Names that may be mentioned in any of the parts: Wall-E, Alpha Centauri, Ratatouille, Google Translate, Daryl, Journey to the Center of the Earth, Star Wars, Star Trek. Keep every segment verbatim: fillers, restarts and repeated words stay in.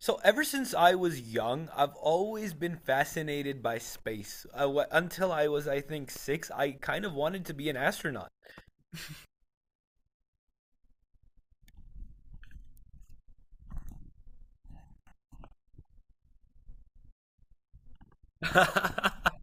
So ever since I was young, I've always been fascinated by space. I w Until I was, I think, six, I kind of wanted to be an astronaut.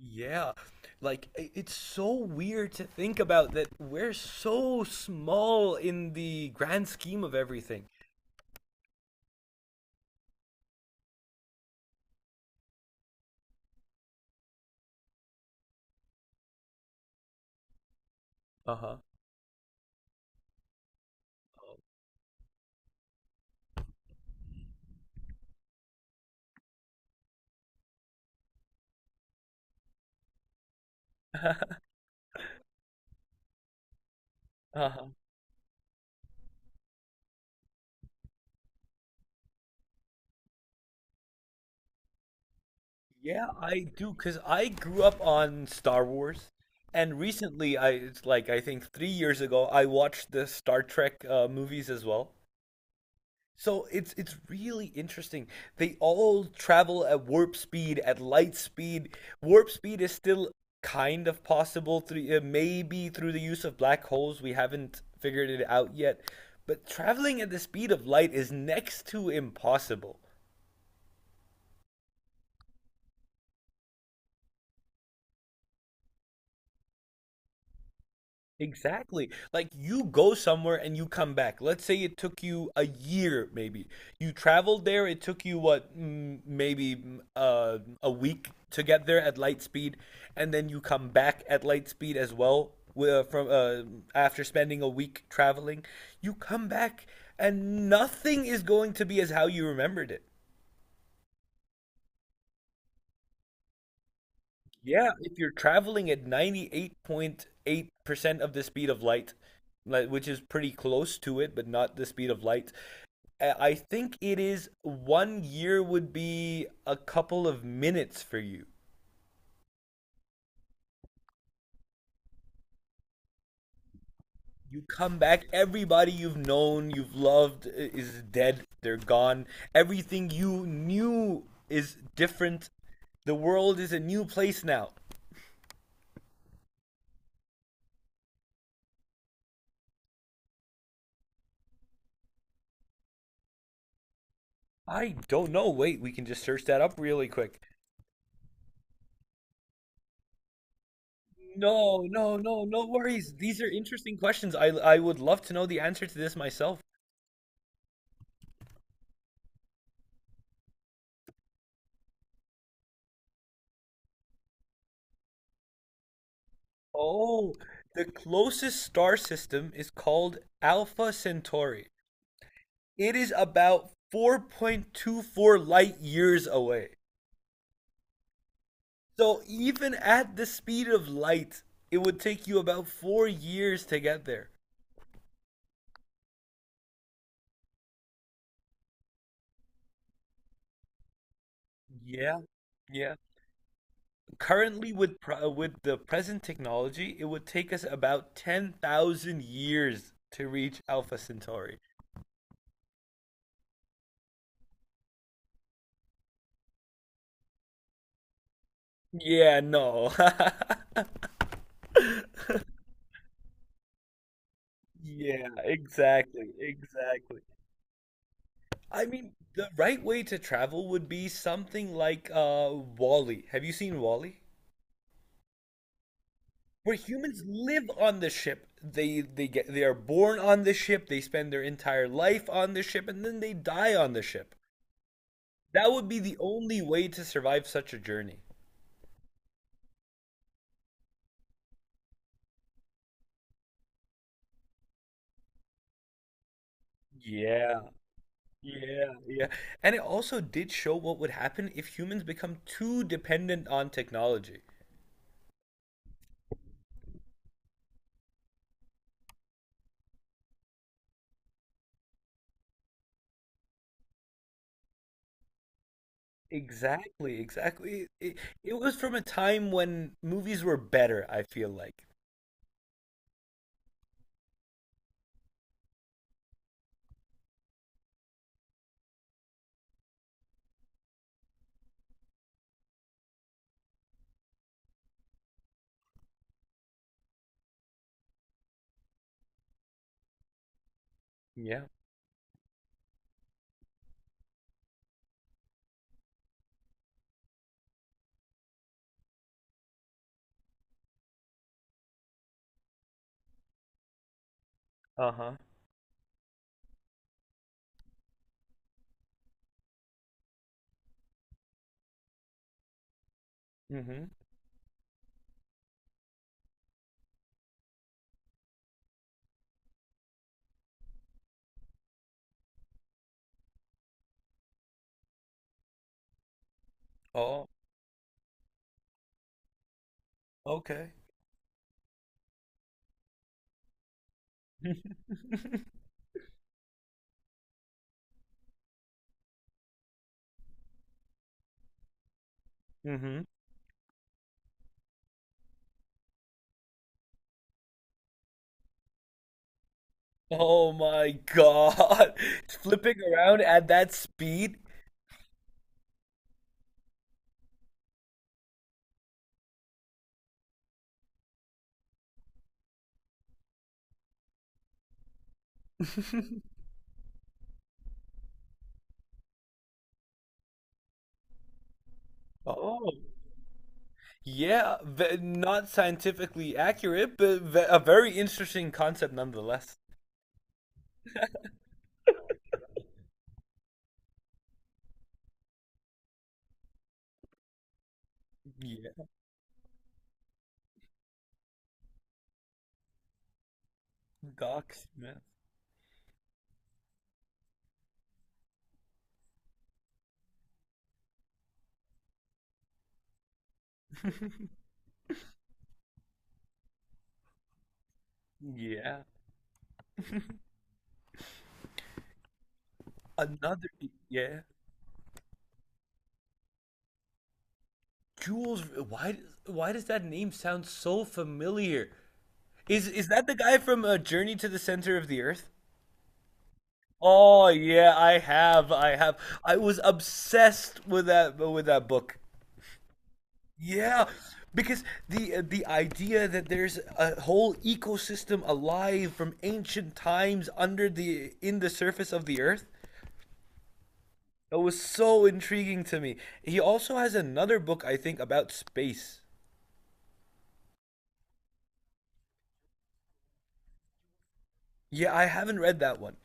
Yeah, like i- it's so weird to think about that we're so small in the grand scheme of everything. Uh-huh. Uh-huh. Yeah, I do, 'cause I grew up on Star Wars, and recently, I it's like I think three years ago, I watched the Star Trek uh, movies as well. So it's it's really interesting. They all travel at warp speed, at light speed. Warp speed is still kind of possible through uh, maybe through the use of black holes. We haven't figured it out yet, but traveling at the speed of light is next to impossible. Exactly. Like you go somewhere and you come back. Let's say it took you a year, maybe. You traveled there. It took you what, mm, maybe mm, uh, a week to get there at light speed, and then you come back at light speed as well. wi- uh, From uh, after spending a week traveling, you come back and nothing is going to be as how you remembered it. Yeah, if you're traveling at ninety-eight point eight percent of the speed of light, like- which is pretty close to it, but not the speed of light, I I think it is one year would be a couple of minutes for you. You come back, everybody you've known, you've loved i- is dead, they're gone. Everything you knew is different. The world is a new place now. I don't know. Wait, we can just search that up really quick. No, no, no, no worries. These are interesting questions. I I would love to know the answer to this myself. Oh, the closest star system is called Alpha Centauri. It is about four point two four light years away. So even at the speed of light, it would take you about four years to get there. Yeah, yeah. Currently, with pro with the present technology, it would take us about ten thousand years to reach Alpha Centauri. Yeah, no. Yeah, exactly, exactly. I mean, the right way to travel would be something like uh Wall-E. Have you seen Wall-E? Where humans live on the ship. They they get they are born on the ship, they spend their entire life on the ship, and then they die on the ship. That would be the only way to survive such a journey. Yeah, yeah, yeah. And it also did show what would happen if humans become too dependent on technology. Exactly, exactly. It, it was from a time when movies were better, I feel like. Yeah. Uh-huh. Mm-hmm. Oh, okay. Mm-hmm. Oh my God. Flipping around at that speed? Oh. Yeah, ve- not scientifically accurate, but ve a very interesting concept nonetheless. Yeah. Docs, man. Yeah. Another, yeah. Jules, why why does that name sound so familiar? Is is that the guy from uh, Journey to the Center of the Earth? Oh yeah, I have, I have. I was obsessed with that with that book. Yeah, because the uh, the idea that there's a whole ecosystem alive from ancient times under the in the surface of the Earth, that was so intriguing to me. He also has another book, I think, about space. Yeah, I haven't read that one.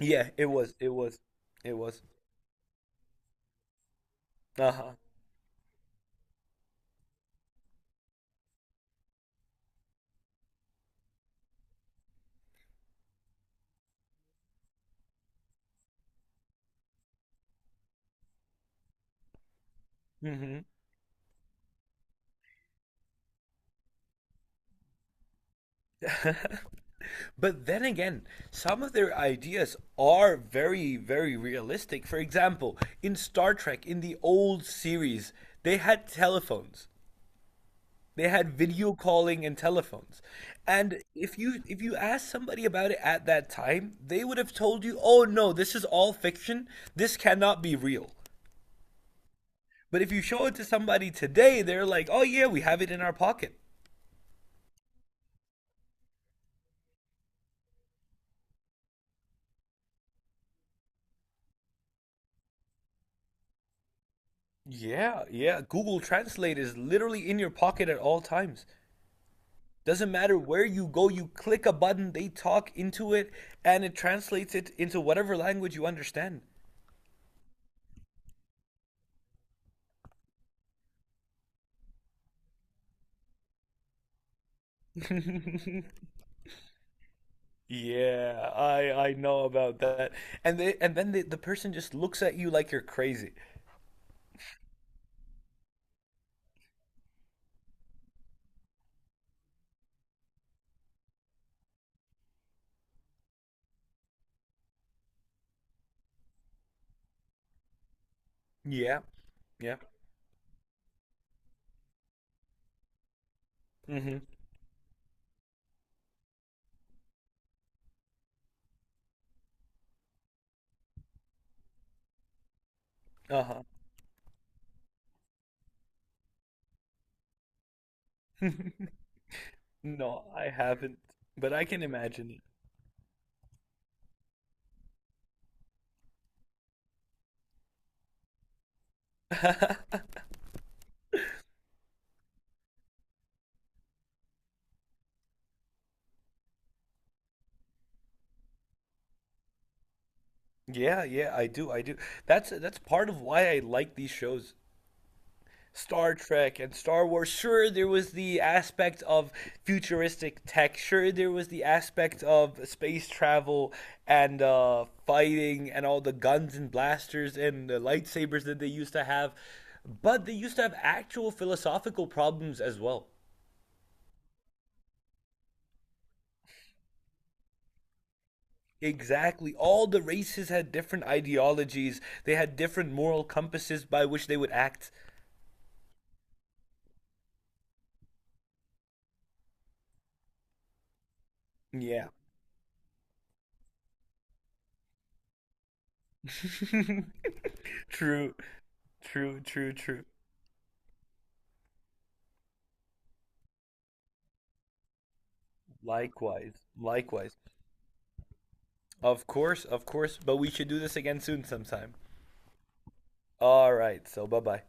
Yeah, it was. It was. It was. Uh-huh. hmm But then again, some of their ideas are very, very realistic. For example, in Star Trek, in the old series, they had telephones. They had video calling and telephones. And if you if you asked somebody about it at that time, they would have told you, "Oh no, this is all fiction. This cannot be real." But if you show it to somebody today, they're like, "Oh yeah, we have it in our pocket." Yeah, yeah. Google Translate is literally in your pocket at all times. Doesn't matter where you go, you click a button, they talk into it, and it translates it into whatever language you understand. Yeah, I I know about that. And they and then the, the person just looks at you like you're crazy. Yeah, yeah. Mm-hmm. Uh-huh. No, I haven't, but I can imagine it. Yeah, yeah, I do, I do. That's that's part of why I like these shows. Star Trek and Star Wars. Sure, there was the aspect of futuristic tech. Sure, there was the aspect of space travel and uh, fighting and all the guns and blasters and the lightsabers that they used to have. But they used to have actual philosophical problems as well. Exactly. All the races had different ideologies, they had different moral compasses by which they would act. Yeah. True, true, true, true. Likewise, likewise. Of course, of course, but we should do this again soon sometime. All right, so bye bye.